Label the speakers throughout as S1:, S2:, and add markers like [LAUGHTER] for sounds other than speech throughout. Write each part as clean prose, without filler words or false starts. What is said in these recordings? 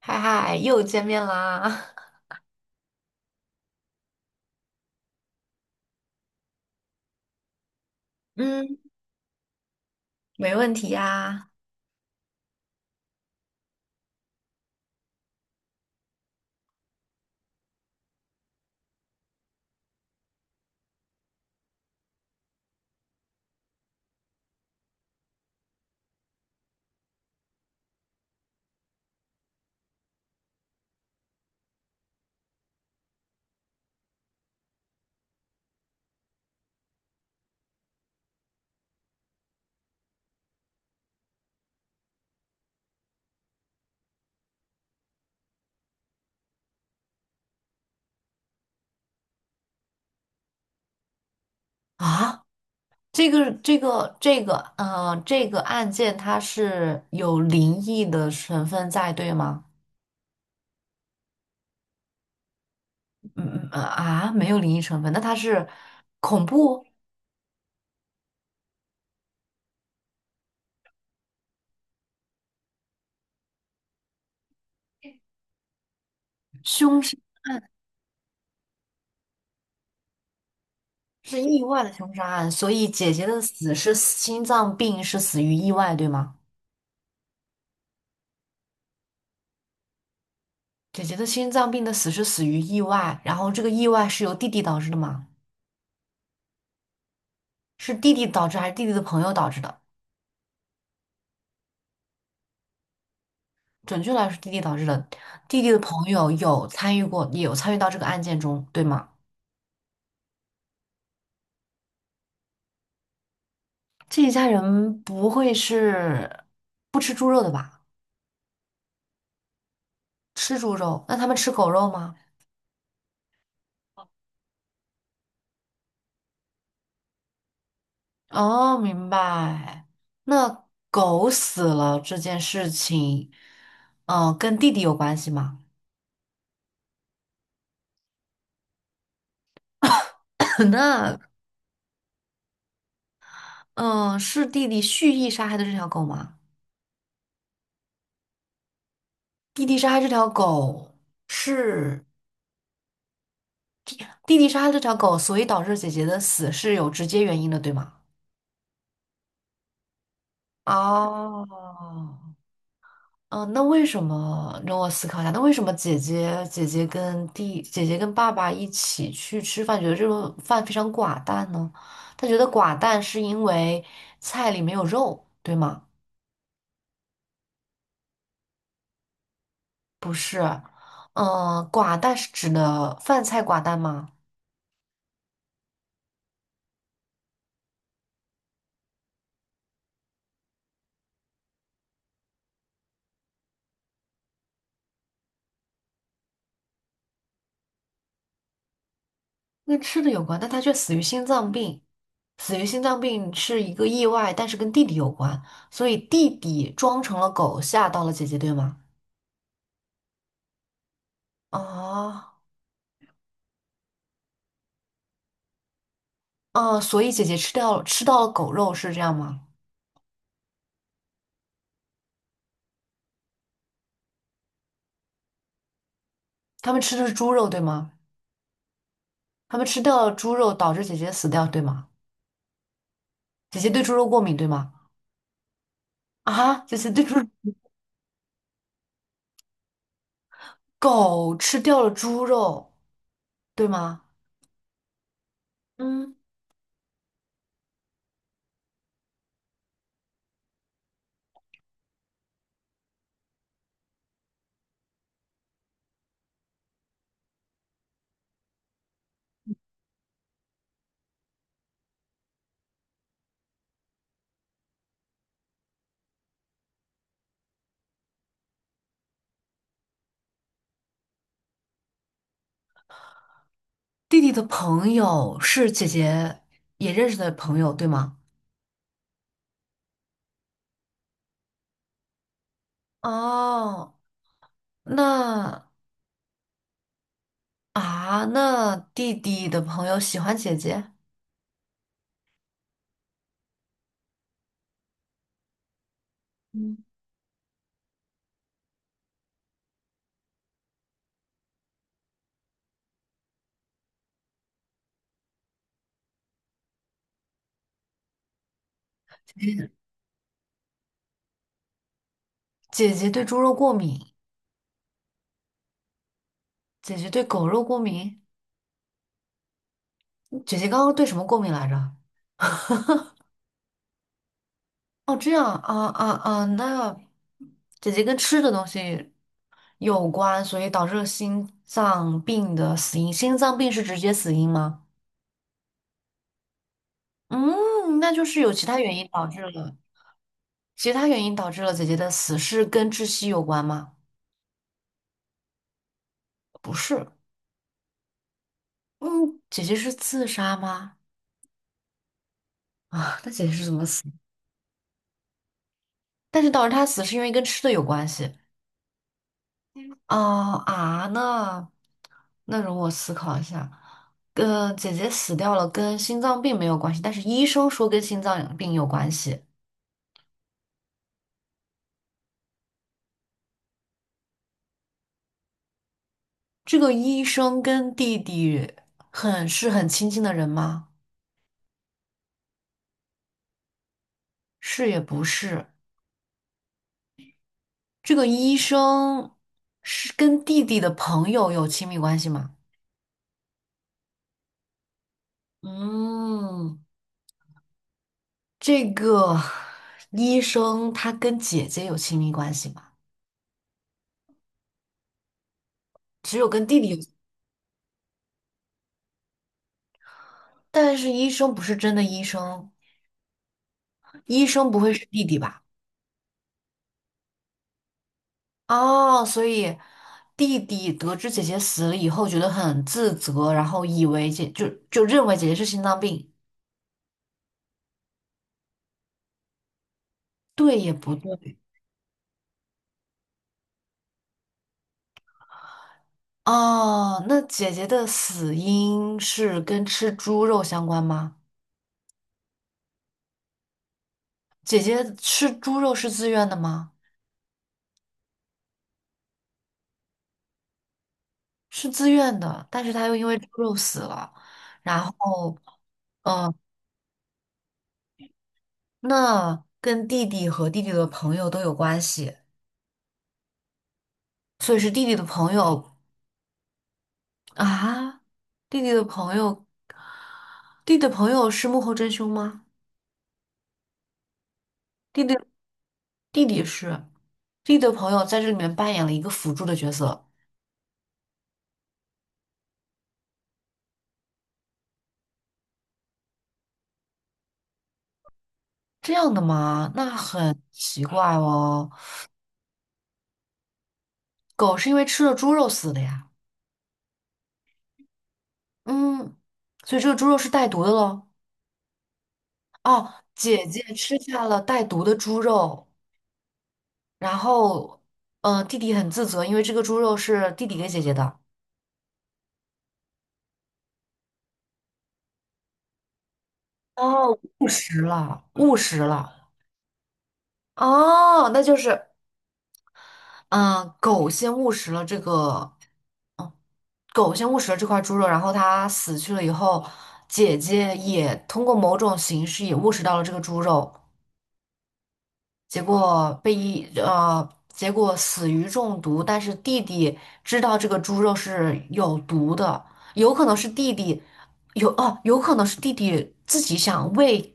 S1: 嗨嗨，又见面啦！[LAUGHS] 嗯，没问题呀。啊，这个案件它是有灵异的成分在，对吗？没有灵异成分，那它是恐怖凶杀，是意外的凶杀案，所以姐姐的死是心脏病，是死于意外，对吗？姐姐的心脏病的死是死于意外，然后这个意外是由弟弟导致的吗？是弟弟导致还是弟弟的朋友导致的？准确来说，弟弟导致的，弟弟的朋友有参与过，也有参与到这个案件中，对吗？这一家人不会是不吃猪肉的吧？吃猪肉，那他们吃狗肉吗？哦，明白。那狗死了这件事情，跟弟弟有关系吗？[LAUGHS] [CLEARS THROAT] 那，是弟弟蓄意杀害的这条狗吗？弟弟杀害这条狗是弟弟杀害这条狗，所以导致姐姐的死是有直接原因的，对吗？哦，嗯，那为什么让我思考一下？那为什么姐姐跟爸爸一起去吃饭，觉得这顿饭非常寡淡呢？他觉得寡淡是因为菜里没有肉，对吗？不是，嗯，寡淡是指的饭菜寡淡吗？跟吃的有关，但他却死于心脏病。死于心脏病是一个意外，但是跟弟弟有关，所以弟弟装成了狗吓到了姐姐，对吗？啊。哦，所以姐姐吃到了狗肉是这样吗？他们吃的是猪肉对吗？他们吃掉了猪肉，导致姐姐死掉对吗？姐姐对猪肉过敏对吗？啊，姐姐对猪狗吃掉了猪肉对吗？嗯，弟弟的朋友是姐姐也认识的朋友对吗？哦，那啊，那弟弟的朋友喜欢姐姐，嗯姐姐对猪肉过敏，姐姐对狗肉过敏，姐姐刚刚对什么过敏来着？哦，这样啊啊啊，那姐姐跟吃的东西有关，所以导致了心脏病的死因。心脏病是直接死因吗？嗯，那就是有其他原因导致了，其他原因导致了姐姐的死是跟窒息有关吗？不是，嗯，姐姐是自杀吗？啊，那姐姐是怎么死？但是导致她死是因为跟吃的有关系。哦啊，那容我思考一下。跟姐姐死掉了，跟心脏病没有关系，但是医生说跟心脏病有关系。这个医生跟弟弟很亲近的人吗？是也不是。这个医生是跟弟弟的朋友有亲密关系吗？嗯，这个医生他跟姐姐有亲密关系吗？只有跟弟弟有，但是医生不是真的医生。医生不会是弟弟吧？哦，所以弟弟得知姐姐死了以后，觉得很自责，然后以为姐就就认为姐姐是心脏病，对也不对。哦，那姐姐的死因是跟吃猪肉相关吗？姐姐吃猪肉是自愿的吗？是自愿的，但是她又因为猪肉死了。然后，嗯、那跟弟弟和弟弟的朋友都有关系，所以是啊，弟弟的朋友，弟弟的朋友是幕后真凶吗？弟弟弟弟是，弟弟的朋友在这里面扮演了一个辅助的角色，这样的吗？那很奇怪哦。狗是因为吃了猪肉死的呀，嗯，所以这个猪肉是带毒的喽。哦，姐姐吃下了带毒的猪肉，然后，呃，弟弟很自责，因为这个猪肉是弟弟给姐姐的。哦，误食了，误食了。哦，那就是。嗯，狗先误食了这个，狗先误食了这块猪肉，然后它死去了以后，姐姐也通过某种形式也误食到了这个猪肉，结果死于中毒。但是弟弟知道这个猪肉是有毒的，有可能是弟弟有可能是弟弟自己想喂，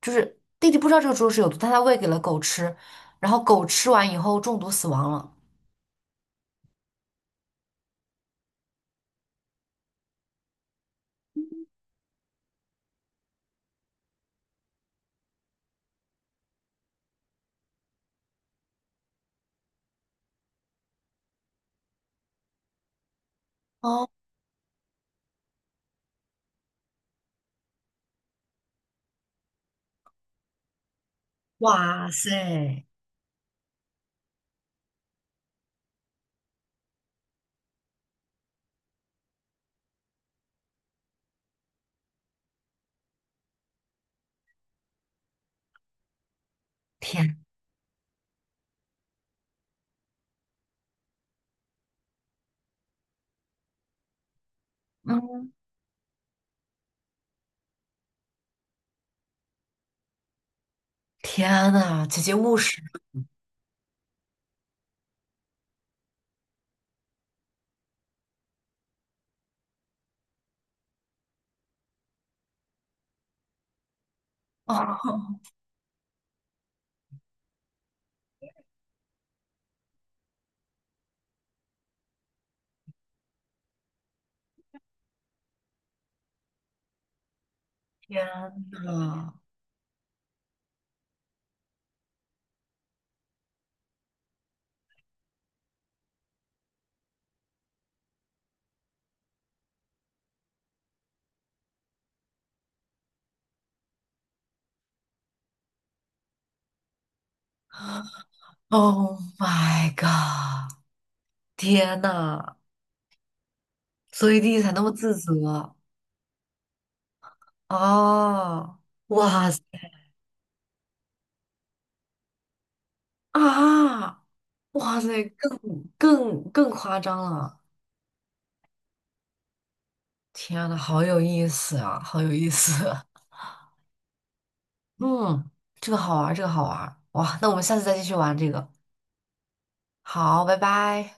S1: 就是弟弟不知道这个猪肉是有毒，但他喂给了狗吃，然后狗吃完以后中毒死亡了。哦，哇塞！天。嗯，天呐，姐姐务实哦！天呐，Oh my god！天呐，所以弟弟才那么自责啊！哇塞啊！哇塞，更夸张了！天呐，好有意思啊，好有意思！[LAUGHS] 嗯，这个好玩儿，这个好玩儿！哇，那我们下次再继续玩这个。好，拜拜。